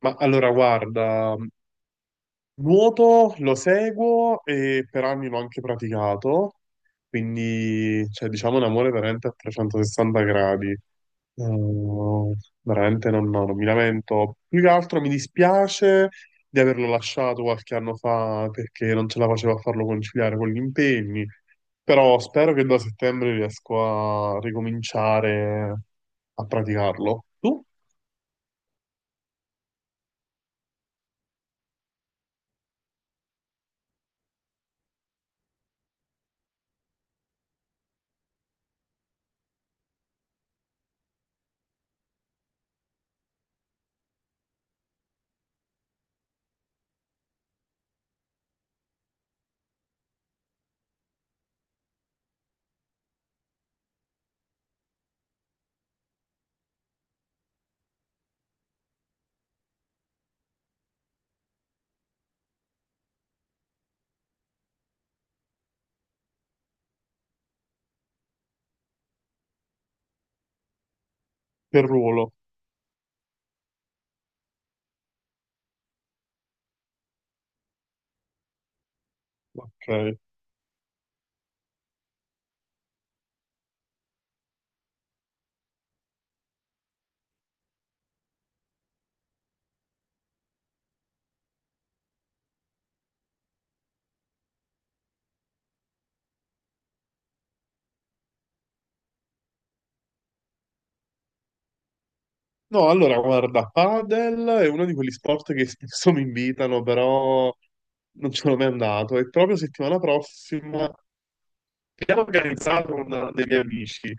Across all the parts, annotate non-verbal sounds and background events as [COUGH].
Ma allora, guarda, nuoto lo seguo e per anni l'ho anche praticato, quindi diciamo un amore veramente a 360 gradi. Eh, Veramente non, no, non mi lamento. Più che altro mi dispiace di averlo lasciato qualche anno fa perché non ce la facevo a farlo conciliare con gli impegni, però spero che da settembre riesco a ricominciare a praticarlo. Tu? Per ruolo. Ok. No, allora guarda, padel è uno di quegli sport che [LAUGHS] spesso mi invitano, però non ce l'ho mai andato. E proprio settimana prossima abbiamo organizzato con dei miei amici,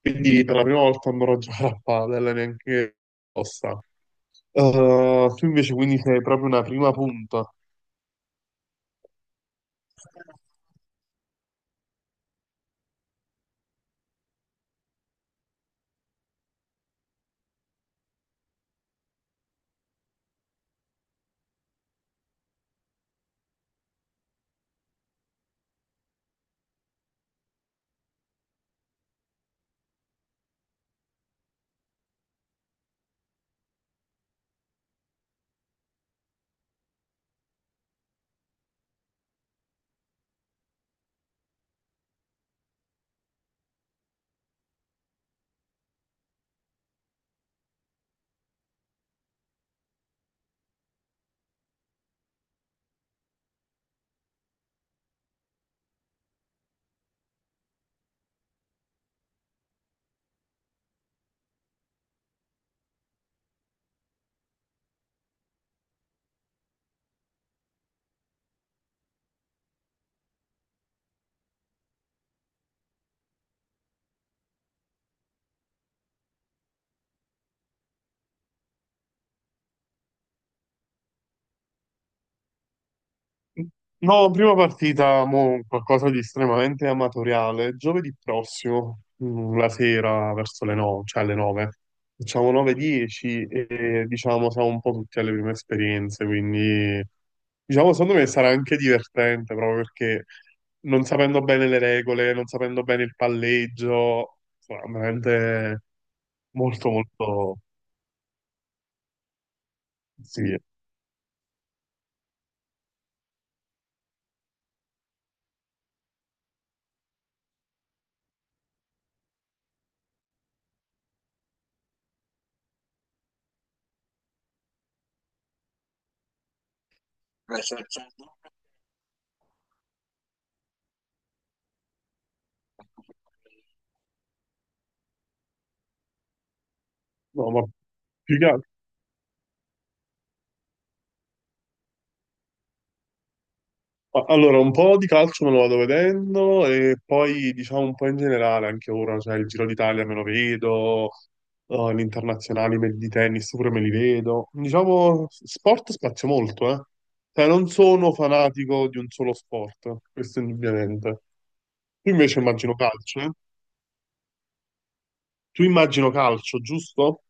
quindi per la prima volta andrò a giocare a padel, neanche apposta. Tu invece quindi sei proprio una prima punta. No, prima partita, mo, qualcosa di estremamente amatoriale. Giovedì prossimo, la sera verso le 9, cioè alle 9. Facciamo 9-10 e diciamo siamo un po' tutti alle prime esperienze, quindi diciamo secondo me sarà anche divertente proprio perché non sapendo bene le regole, non sapendo bene il palleggio, sarà veramente molto molto sì. No, ma più che... Ma allora, un po' di calcio me lo vado vedendo e poi diciamo un po' in generale anche ora, cioè il Giro d'Italia me lo vedo, gli internazionali di tennis pure me li vedo. Diciamo, sport spazio molto, eh. Cioè, non sono fanatico di un solo sport, questo indubbiamente. Tu invece immagino calcio, eh? Tu immagino calcio, giusto?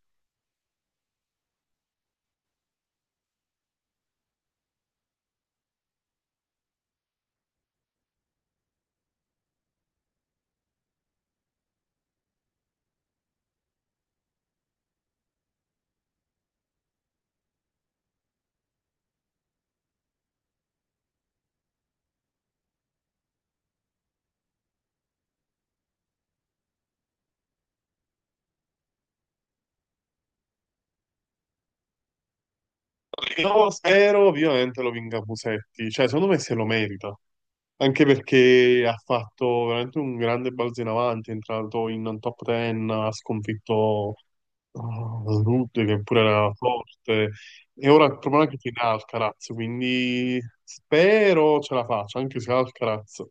Io spero ovviamente lo vinca Musetti, cioè secondo me se lo merita. Anche perché ha fatto veramente un grande balzo in avanti, è entrato in top 10, ha sconfitto Rude, che pure era forte, e ora il problema è che tiene Alcaraz, quindi spero ce la faccia, anche se Alcaraz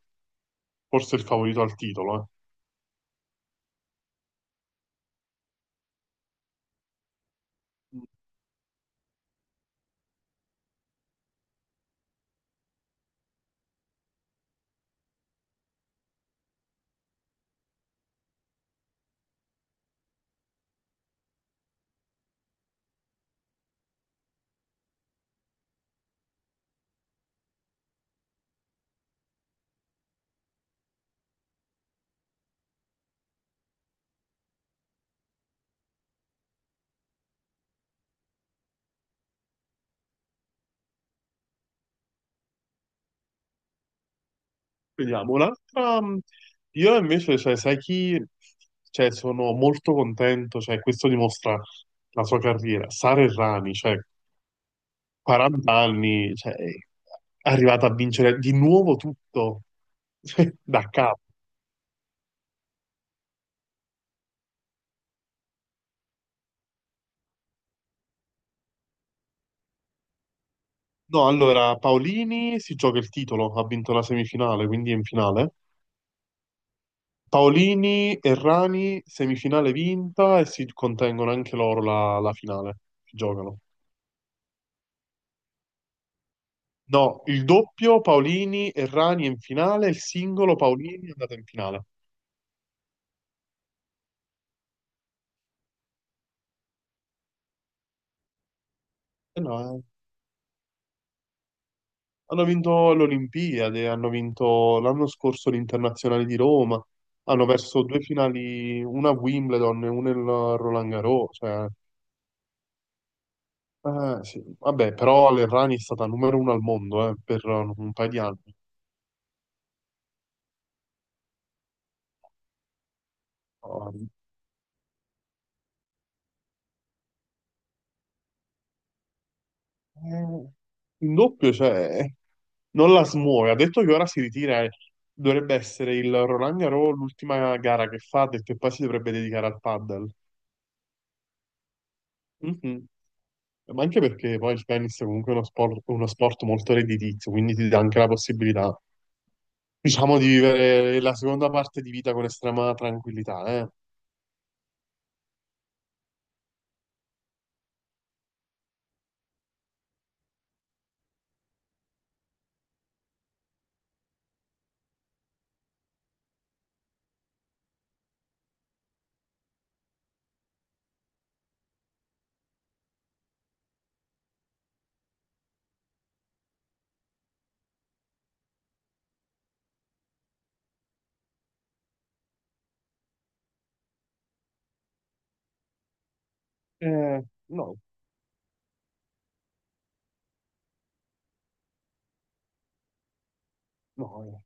forse è il favorito al titolo. Eh. Vediamo, un'altra... Io invece, cioè, sai chi... Cioè, sono molto contento, cioè, questo dimostra la sua carriera. Sara Errani, cioè, 40 anni, cioè, è arrivata a vincere di nuovo tutto [LAUGHS] da capo. No, allora Paolini si gioca il titolo, ha vinto la semifinale, quindi è in finale. Paolini e Rani, semifinale vinta e si contengono anche loro la finale. Si giocano. No, il doppio Paolini e Rani è in finale, il singolo Paolini è andato in finale. Eh no, hanno vinto l'Olimpiade, hanno vinto l'anno scorso l'Internazionale di Roma, hanno perso due finali, una a Wimbledon e una a Roland Garros. Cioè, sì. Vabbè, però l'Errani è stata numero uno al mondo per un paio di anni. Eh, In doppio, cioè, non la smuove. Ha detto che ora si ritira. E dovrebbe essere il Roland Garros l'ultima gara che fa, ha detto che poi si dovrebbe dedicare al paddle. Mhm. Ma anche perché poi il tennis è comunque uno sport molto redditizio, quindi ti dà anche la possibilità, diciamo, di vivere la seconda parte di vita con estrema tranquillità, eh. Eh, no, no, eh.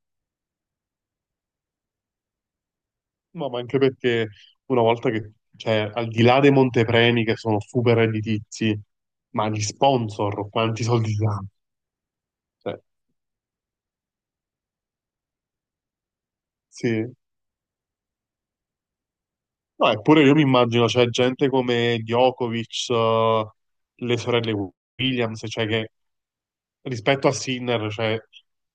No, ma anche perché una volta che, cioè, al di là dei montepremi che sono super redditizi, ma gli sponsor, quanti soldi ti danno? Cioè, sì. No, eppure io mi immagino, c'è gente come Djokovic, le sorelle Williams, cioè che rispetto a Sinner, cioè,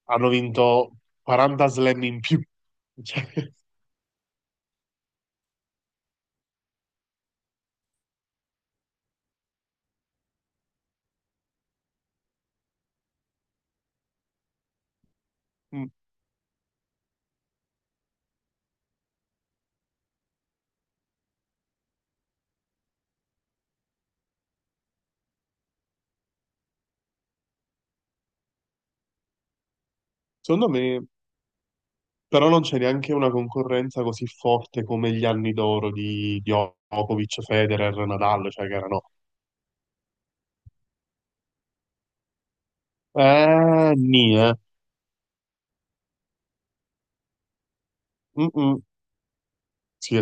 hanno vinto 40 slam in più. [LAUGHS] Cioè, mm, secondo me, però non c'è neanche una concorrenza così forte come gli anni d'oro di Djokovic, Federer, Nadal, cioè che erano... nì, eh. Mm, mm. Sì,